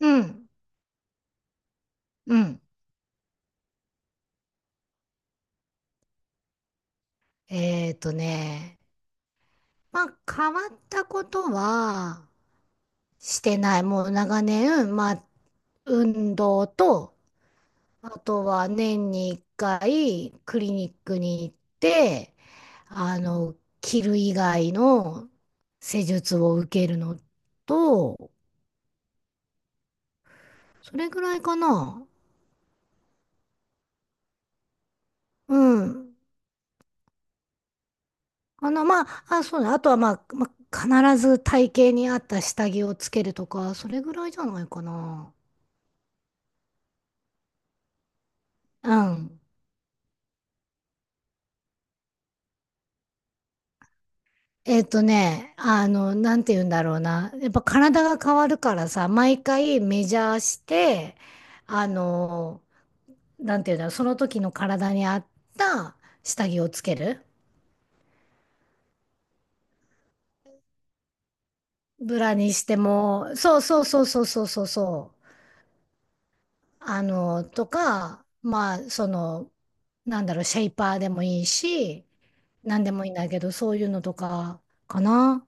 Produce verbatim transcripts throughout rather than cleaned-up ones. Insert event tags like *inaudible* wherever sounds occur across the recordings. うん、うん。えっとね、まあ変わったことはしてない。もう長年、まあ運動と、あとは年にいっかいクリニックに行って、あの、切る以外の施術を受けるのと、それぐらいかな。うん。あの、まあ、あ、そうだ。あとは、まあ、まあ、必ず体型に合った下着をつけるとか、それぐらいじゃないかな。うん。えっとね、あの、なんて言うんだろうな。やっぱ体が変わるからさ、毎回メジャーして、あの、なんて言うんだろう、その時の体に合った下着をつける。ブラにしても、そうそうそうそうそうそうそう。あの、とか、まあ、その、なんだろう、シェイパーでもいいし、なんでもいいんだけど、そういうのとかかな。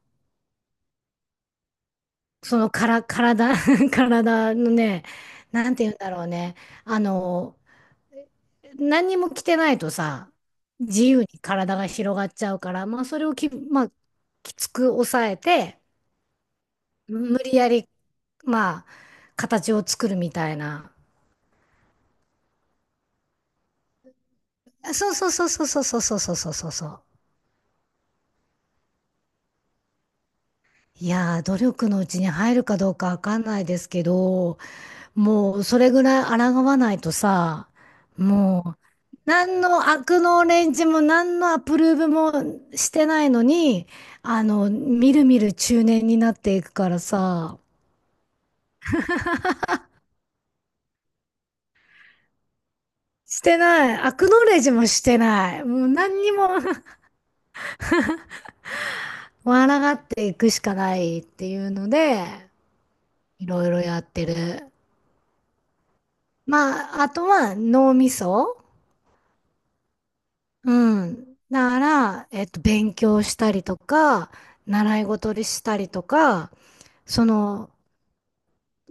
そのから体、*laughs* 体のね、なんて言うんだろうね。あの、何にも着てないとさ、自由に体が広がっちゃうから、まあそれをき、まあ、きつく抑えて、無理やり、まあ、形を作るみたいな。そうそうそうそうそうそうそうそうそうそう。いやー、努力のうちに入るかどうかわかんないですけど、もうそれぐらい抗わないとさ、もう何の悪のレンジも何のアプローブもしてないのに、あの、みるみる中年になっていくからさ、してない。アクノレージもしてない。もう何にも *laughs* 笑がっていくしかないっていうので、いろいろやってる。まあ、あとは脳みそ。うん。だから、えっと、勉強したりとか、習い事にしたりとか、その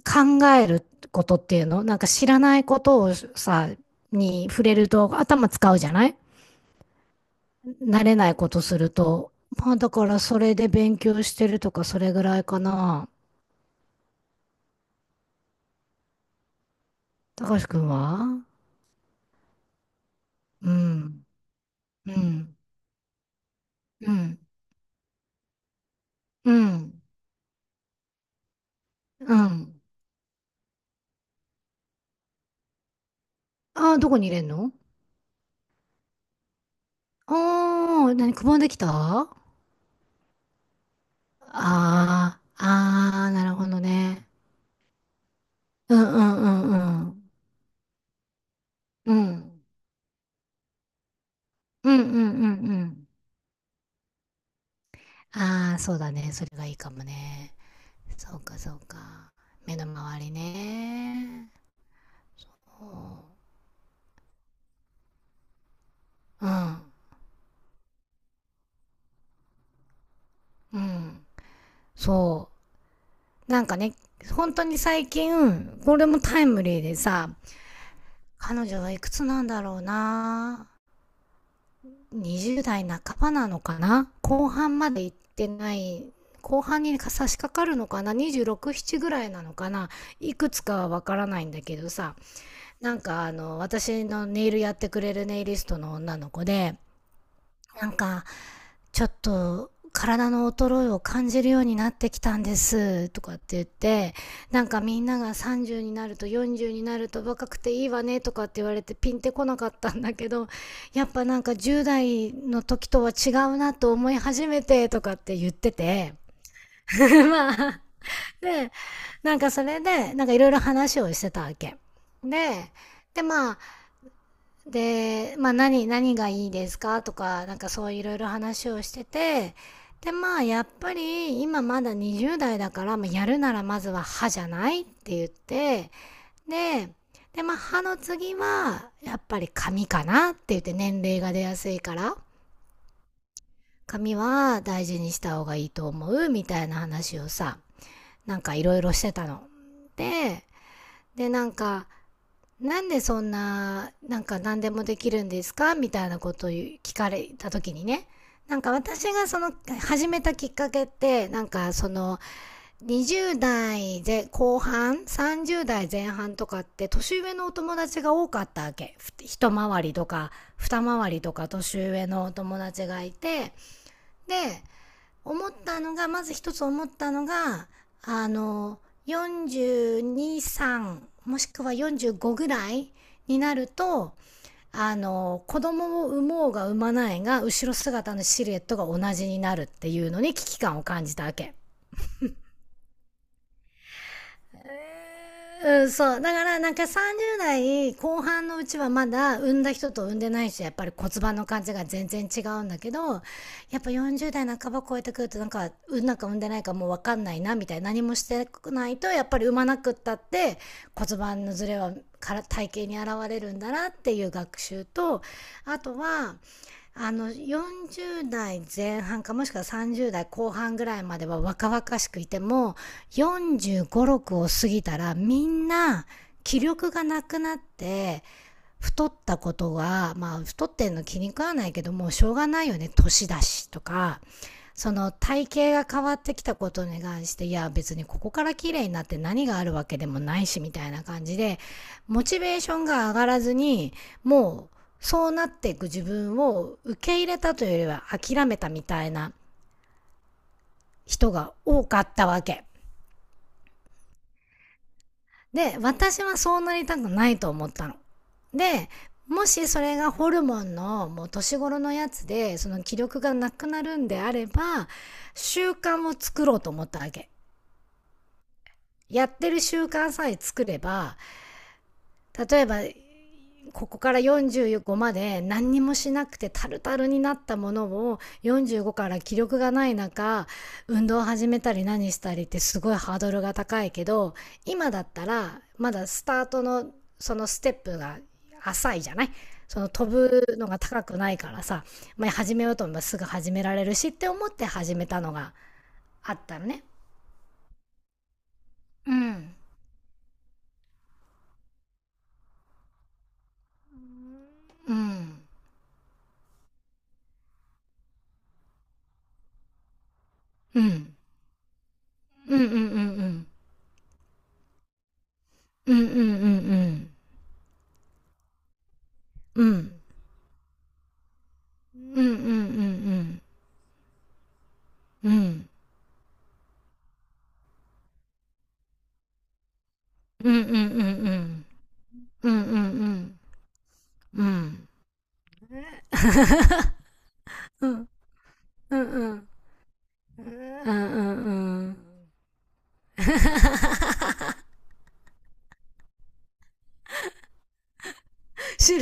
考えることっていうの、なんか知らないことをさ、に触れると頭使うじゃない、慣れないことすると。まあだからそれで勉強してるとかそれぐらいかな。たかしくんは？うん。うん。うん。うん。うん。ああ、どこに入れんの？ああー、何、くぼんできた？ああー、ああ、なるほどね。うんうんうんうん。うん。うんうんうんうん。ああ、そうだね。それがいいかもね。そうか、そうか。目の周りね。うん、うん。そう。なんかね、本当に最近、これもタイムリーでさ、彼女はいくつなんだろうな。にじゅう代半ばなのかな、後半まで行ってない、後半に差し掛かるのかな？ にじゅうろく、ななぐらいなのかな、いくつかはわからないんだけどさ、なんかあの、私のネイルやってくれるネイリストの女の子で、なんか、ちょっと体の衰えを感じるようになってきたんですとかって言って、なんかみんながさんじゅうになるとよんじゅうになると若くていいわねとかって言われてピンってこなかったんだけど、やっぱなんかじゅう代の時とは違うなと思い始めてとかって言ってて *laughs*、まあ、で、なんかそれで、なんかいろいろ話をしてたわけ。で、でまあ、で、まあ何、何がいいですかとか、なんかそういろいろ話をしてて、で、まあやっぱり今まだにじゅう代だから、まあ、やるならまずは歯じゃないって言って、で、で、まあ歯の次はやっぱり髪かなって言って年齢が出やすいから、髪は大事にした方がいいと思うみたいな話をさ、なんかいろいろしてたの。で、で、なんか、なんでそんな、なんか何でもできるんですかみたいなことを聞かれた時にね。なんか私がその始めたきっかけって、なんかそのにじゅう代で後半、さんじゅう代前半とかって年上のお友達が多かったわけ。一回りとか、二回りとか年上のお友達がいて、で、思ったのが、まず一つ思ったのが、あの、よんじゅうに、さんもしくはよんじゅうごぐらいになると、あの、子供を産もうが産まないが、後ろ姿のシルエットが同じになるっていうのに危機感を感じたわけ。うん、そう。だから、なんかさんじゅう代後半のうちはまだ産んだ人と産んでない人、やっぱり骨盤の感じが全然違うんだけど、やっぱよんじゅう代半ば超えてくると、なんか、産んだか産んでないかもう分かんないな、みたいな。何もしてないと、やっぱり産まなくったって、骨盤のズレはから体型に現れるんだなっていう学習と、あとは、あの、よんじゅう代前半かもしくはさんじゅう代後半ぐらいまでは若々しくいても、よんじゅうご、ろくを過ぎたらみんな気力がなくなって太ったことが、まあ太ってんの気に食わないけどもうしょうがないよね、年だしとか、その体型が変わってきたことに関して、いや別にここから綺麗になって何があるわけでもないしみたいな感じで、モチベーションが上がらずに、もうそうなっていく自分を受け入れたというよりは諦めたみたいな人が多かったわけ。で、私はそうなりたくないと思ったの。で、もしそれがホルモンのもう年頃のやつで、その気力がなくなるんであれば、習慣を作ろうと思ったわけ。やってる習慣さえ作れば、例えばここからよんじゅうごまで何にもしなくてタルタルになったものをよんじゅうごから気力がない中運動を始めたり何したりってすごいハードルが高いけど、今だったらまだスタートのそのステップが浅いじゃない、その飛ぶのが高くないからさ、まあ、始めようと思えばすぐ始められるしって思って始めたのがあったのね。うんうんうんうんうんうんうんうんうんうんうんうんうんうんうんうんうんうんうんうんうんうんうんうんうんうんうんうんうんうん。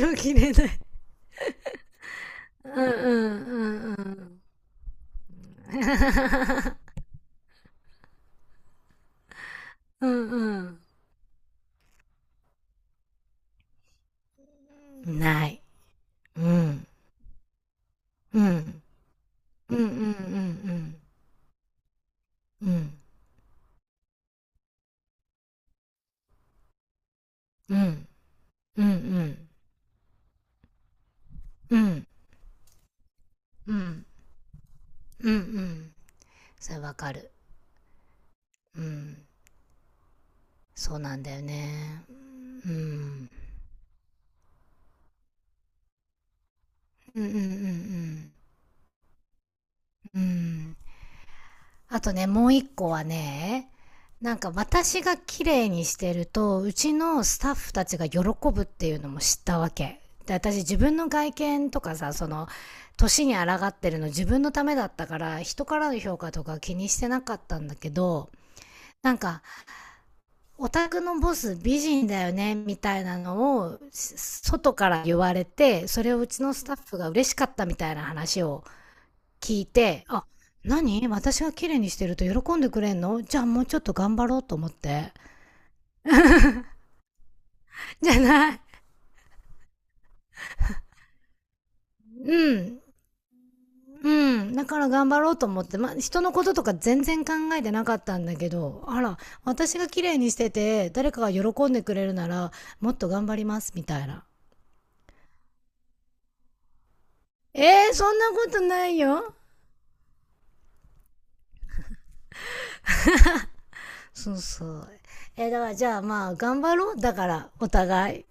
白切れない。うんうんうんうん。 *laughs* うんうん。ない。うんうんうんうんうんうんうんうんうんうんうんうんうん。それわかる。うん。そうなんだよねうん。うんうんうん。うんうん。あとね、もう一個はね、なんか私が綺麗にしてると、うちのスタッフたちが喜ぶっていうのも知ったわけ。で、私自分の外見とかさ、その、年に抗ってるの自分のためだったから、人からの評価とか気にしてなかったんだけど、なんか、オタクのボス美人だよね、みたいなのを、外から言われて、それをうちのスタッフが嬉しかったみたいな話を聞いて、あ、何私が綺麗にしてると喜んでくれんの？じゃあもうちょっと頑張ろうと思って。じゃない。うん。うん。だから頑張ろうと思って、まあ、人のこととか全然考えてなかったんだけど、あら、私が綺麗にしてて、誰かが喜んでくれるなら、もっと頑張ります、みたいな。えー、そんなことないよ。そうそう。えーだからじゃあまあ、頑張ろう。だから、お互い。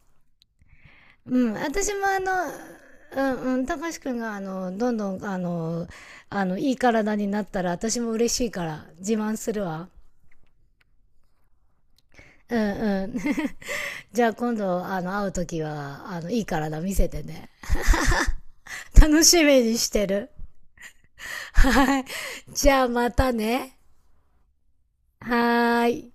うん、私もあの、うんうん、たかしくんがあの、どんどんあの、あの、いい体になったら私も嬉しいから自慢するわ。うんうん。*laughs* じゃあ今度、あの、会うときは、あの、いい体見せてね。楽しみにしてる。はい。じゃあまたね。はーい。